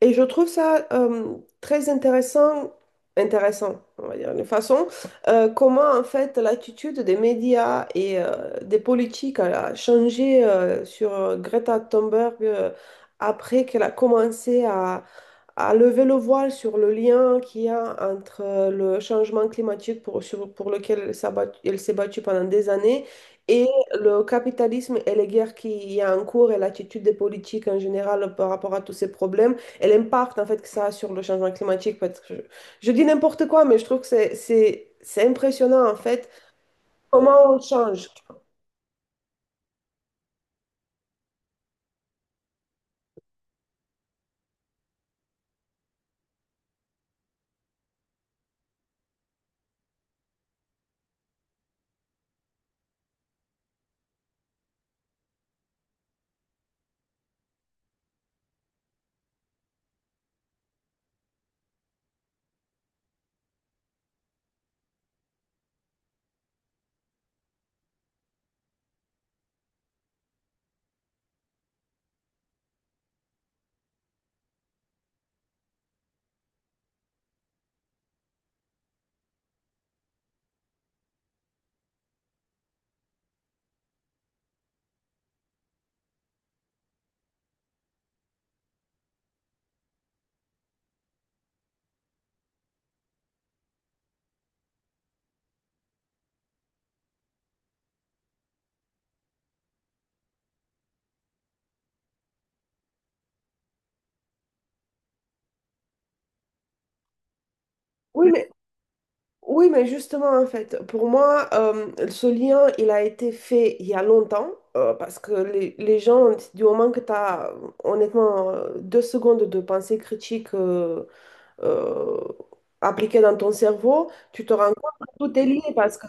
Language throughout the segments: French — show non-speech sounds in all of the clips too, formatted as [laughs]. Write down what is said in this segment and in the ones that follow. Et je trouve ça très intéressant, intéressant, on va dire, de façon, comment en fait l'attitude des médias et des politiques a changé sur Greta Thunberg après qu'elle a commencé à lever le voile sur le lien qu'il y a entre le changement climatique pour, pour lequel elle s'est battue pendant des années et le capitalisme et les guerres qu'il y a en cours et l'attitude des politiques en général par rapport à tous ces problèmes et l'impact en fait que ça a sur le changement climatique. Je dis n'importe quoi, mais je trouve que c'est impressionnant en fait comment on change. Oui, mais Oui, mais justement, en fait, pour moi, ce lien, il a été fait il y a longtemps, parce que les gens, du moment que tu as, honnêtement, deux secondes de pensée critique euh, appliquée dans ton cerveau, tu te rends compte que tout est lié, parce que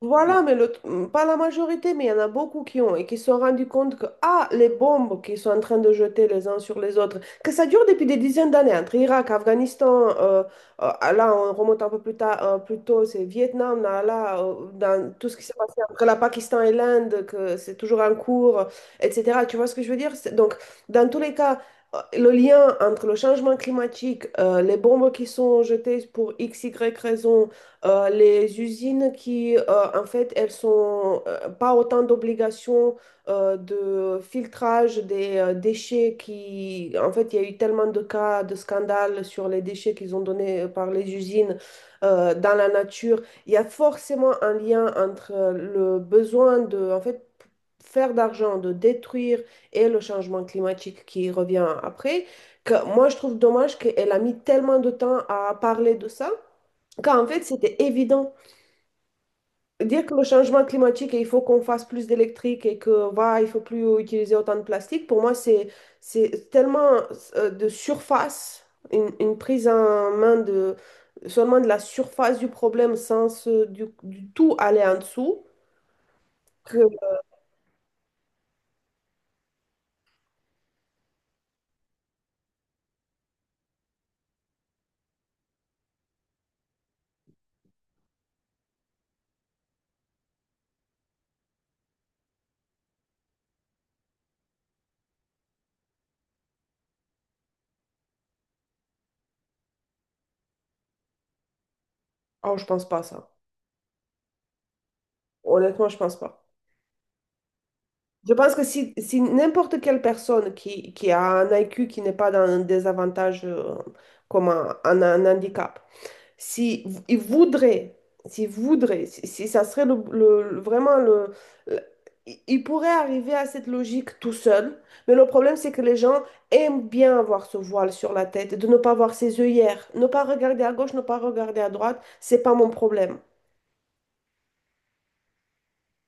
voilà, mais pas la majorité, mais il y en a beaucoup qui ont et qui se sont rendus compte que, ah, les bombes qu'ils sont en train de jeter les uns sur les autres, que ça dure depuis des dizaines d'années, entre Irak, Afghanistan, là, on remonte un peu plus tard, plus tôt, c'est Vietnam, dans tout ce qui s'est passé entre la Pakistan et l'Inde, que c'est toujours en cours, etc. Tu vois ce que je veux dire? Donc, dans tous les cas, le lien entre le changement climatique, les bombes qui sont jetées pour x, y raison, les usines en fait, elles sont pas autant d'obligations de filtrage des déchets qui, en fait, il y a eu tellement de cas de scandales sur les déchets qu'ils ont donnés par les usines dans la nature. Il y a forcément un lien entre le besoin de, en fait, faire d'argent, de détruire et le changement climatique qui revient après, que moi je trouve dommage qu'elle a mis tellement de temps à parler de ça quand en fait, c'était évident. Dire que le changement climatique et il faut qu'on fasse plus d'électrique et que voilà il faut plus utiliser autant de plastique, pour moi, c'est tellement de surface, une prise en main de seulement de la surface du problème sans se- du tout aller en dessous, que oh, je pense pas à ça. Honnêtement, je pense pas. Je pense que si, si n'importe quelle personne qui a un IQ qui n'est pas dans un désavantage comme un handicap, si v- il voudrait, s'il voudrait, si, si ça serait vraiment le- il pourrait arriver à cette logique tout seul, mais le problème c'est que les gens aiment bien avoir ce voile sur la tête, de ne pas voir ses œillères, ne pas regarder à gauche, ne pas regarder à droite, c'est pas mon problème.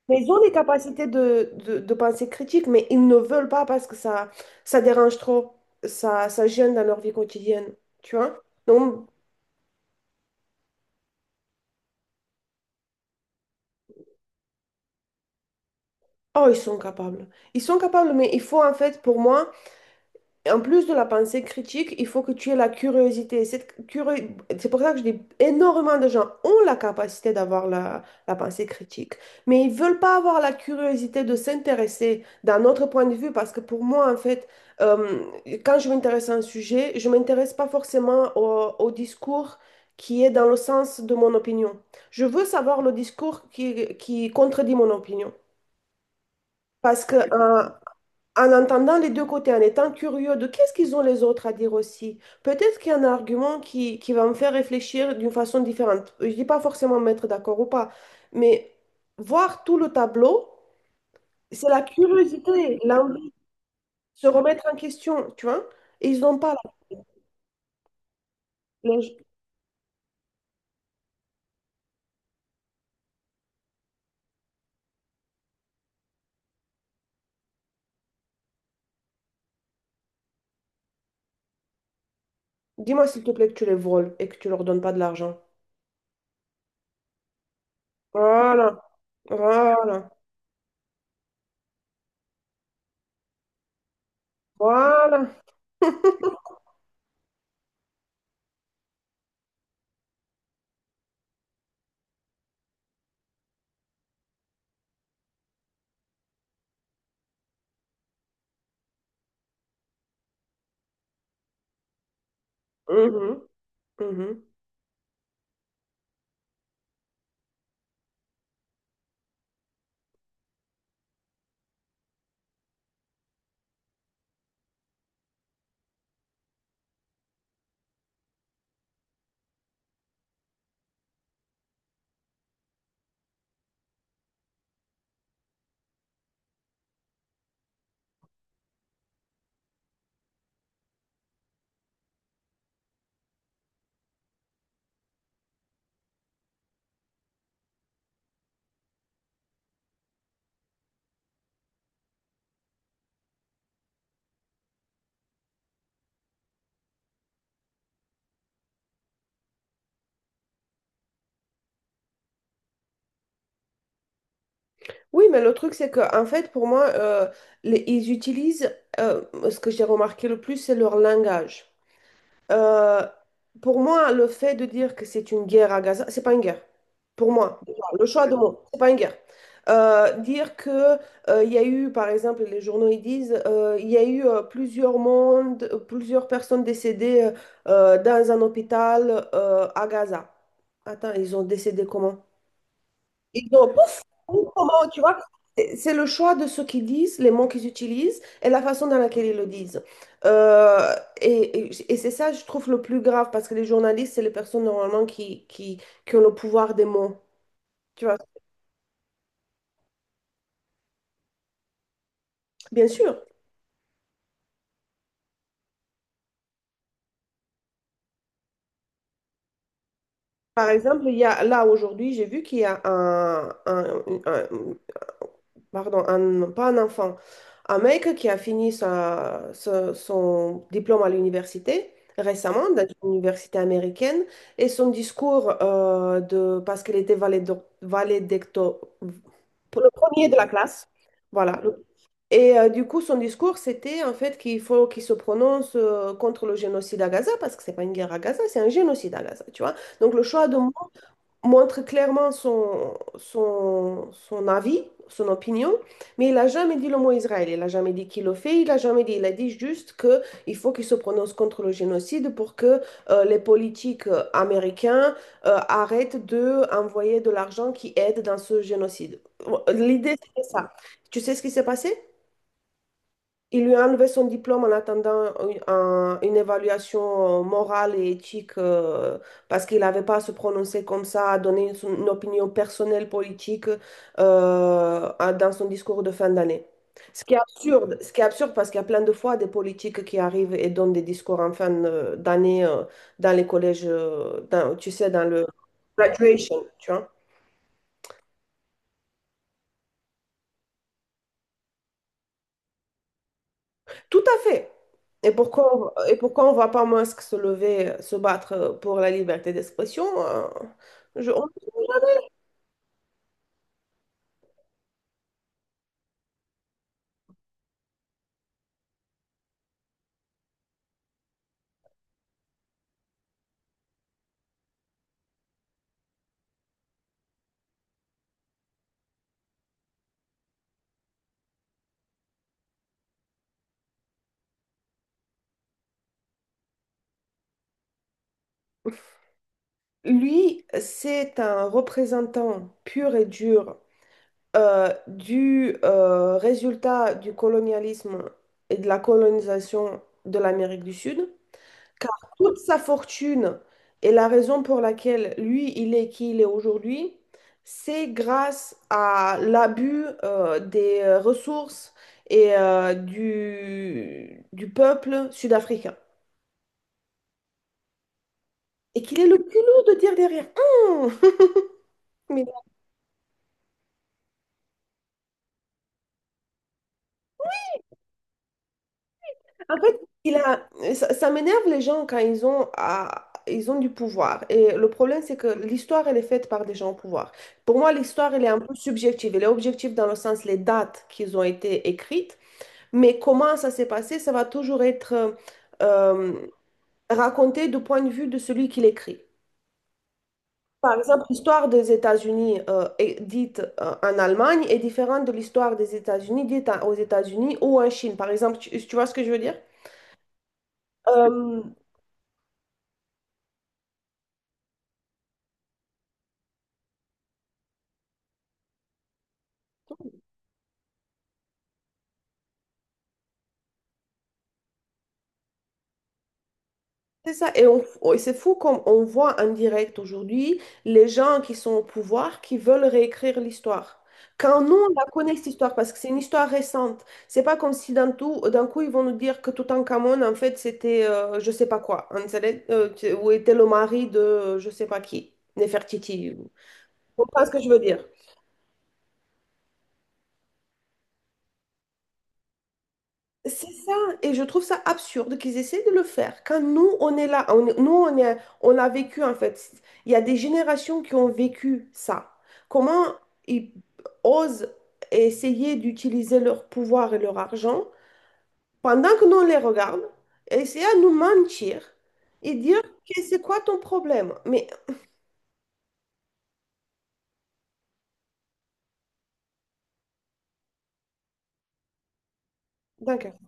Mais ils ont les capacités de pensée critique, mais ils ne veulent pas parce que ça dérange trop, ça gêne dans leur vie quotidienne, tu vois? Donc, oh, ils sont capables. Ils sont capables, mais il faut en fait, pour moi, En plus de la pensée critique, il faut que tu aies la curiosité. C'est pour ça que je dis énormément de gens ont la capacité d'avoir la pensée critique, mais ils veulent pas avoir la curiosité de s'intéresser d'un autre point de vue parce que pour moi, en fait, euh, quand je m'intéresse à un sujet, je m'intéresse pas forcément au discours qui est dans le sens de mon opinion. Je veux savoir le discours qui contredit mon opinion. Parce que euh, en entendant les deux côtés, en étant curieux de qu'est-ce qu'ils ont les autres à dire aussi, peut-être qu'il y a un argument qui va me faire réfléchir d'une façon différente. Je ne dis pas forcément me mettre d'accord ou pas, mais voir tout le tableau, c'est la curiosité, l'envie de se remettre en question, tu vois? Et ils n'ont pas la... la- Dis-moi s'il te plaît que tu les voles et que tu leur donnes pas de l'argent. Voilà, voilà, voilà. Mhm, mhm. Oui, mais le truc, c'est que, en fait, pour moi, les- ils utilisent, euh, ce que j'ai remarqué le plus, c'est leur langage. Euh, pour moi, le fait de dire que c'est une guerre à Gaza, c'est pas une guerre. Pour moi, déjà, le choix de mots, c'est pas une guerre. Dire que il y a eu, par exemple, les journaux ils disent, il y a eu plusieurs mondes, plusieurs personnes décédées dans un hôpital à Gaza. Attends, ils ont décédé comment? Ils ont pouf, pouf, comment, tu vois, c'est le choix de ce qu'ils disent, les mots qu'ils utilisent et la façon dans laquelle ils le disent. Euh, et c'est ça, je trouve, le plus grave parce que les journalistes, c'est les personnes normalement qui ont le pouvoir des mots. Tu vois, bien sûr, Par exemple, il y a, là aujourd'hui, j'ai vu qu'il y a pardon, pas un enfant, un mec qui a fini son diplôme à l'université récemment, dans une université américaine, et son discours parce qu'il était valédicto, pour le premier de la classe, voilà. Et du coup, son discours, c'était en fait qu'il faut qu'il se prononce contre le génocide à Gaza, parce que c'est pas une guerre à Gaza, c'est un génocide à Gaza, tu vois. Donc le choix de mots montre clairement son avis, son opinion, mais il n'a jamais dit le mot Israël, il n'a jamais dit qu'il le fait, il n'a jamais dit, il a dit juste qu'il faut qu'il se prononce contre le génocide pour que les politiques américains arrêtent d'envoyer de envoyer de l'argent qui aide dans ce génocide. L'idée, c'était ça. Tu sais ce qui s'est passé? Il lui a enlevé son diplôme en attendant une évaluation morale et éthique parce qu'il n'avait pas à se prononcer comme ça, à donner une opinion personnelle politique dans son discours de fin d'année. Ce qui est absurde, ce qui est absurde parce qu'il y a plein de fois des politiques qui arrivent et donnent des discours en fin d'année dans les collèges, tu sais, dans le graduation, tu vois. Tout à fait. Et pourquoi, et pourquoi on ne voit pas Musk se lever, se battre pour la liberté d'expression? Je- on- Lui, c'est un représentant pur et dur du résultat du colonialisme et de la colonisation de l'Amérique du Sud. Car toute sa fortune et la raison pour laquelle lui, il est qui il est aujourd'hui, c'est grâce à l'abus des ressources et du peuple sud-africain. Et qu'il est le culot de dire derrière, Hum [laughs] Mais en fait, il a, ça m'énerve les gens quand ils ont, ils ont du pouvoir. Et le problème, c'est que l'histoire, elle est faite par des gens au pouvoir. Pour moi, l'histoire, elle est un peu subjective. Elle est objective dans le sens les dates qui ont été écrites, Mais comment ça s'est passé, ça va toujours être euh, raconté du point de vue de celui qui l'écrit. Par exemple, l'histoire des États-Unis est dite en Allemagne est différente de l'histoire des États-Unis aux États-Unis ou en Chine. Par exemple, tu vois ce que je veux dire? Euh, C'est ça, et et c'est fou comme on voit en direct aujourd'hui les gens qui sont au pouvoir qui veulent réécrire l'histoire. Quand nous, on la connaît cette histoire, parce que c'est une histoire récente, c'est pas comme si d'un tout, d'un coup, ils vont nous dire que Toutankhamon, en fait, c'était je sais pas quoi, hein, ou était le mari de je sais pas qui, Nefertiti. Tu comprends ce que je veux dire? C'est ça, et je trouve ça absurde qu'ils essaient de le faire. Quand nous, on est là, nous, on a vécu en fait. Il y a des générations qui ont vécu ça. Comment ils osent essayer d'utiliser leur pouvoir et leur argent pendant que nous, on les regarde, et essayer à nous mentir et dire que c'est quoi ton problème? Mais d'accord,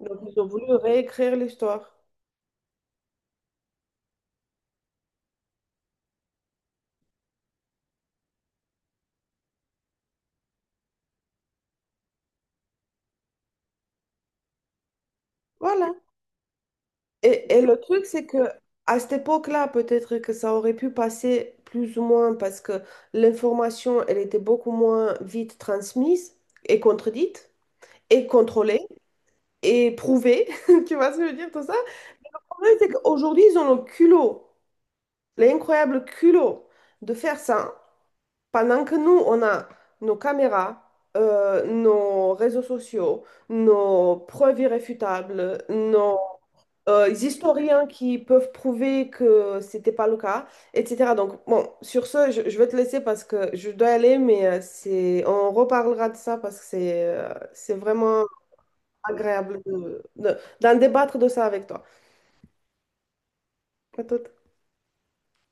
donc ils ont voulu réécrire l'histoire. Voilà. Et le truc, c'est que à cette époque-là, peut-être que ça aurait pu passer plus ou moins parce que l'information, elle était beaucoup moins vite transmise et contredite et contrôlée et prouvée. [laughs] Tu vois ce que je veux dire, tout ça? Le problème, c'est qu'aujourd'hui, ils ont le culot, l'incroyable culot de faire ça pendant que nous, on a nos caméras. Nos réseaux sociaux, nos preuves irréfutables, nos les historiens qui peuvent prouver que c'était pas le cas, etc. Donc, bon, sur ce, je vais te laisser parce que je dois aller, mais c'est, on reparlera de ça parce que c'est vraiment agréable d'en débattre de ça avec toi. À tout.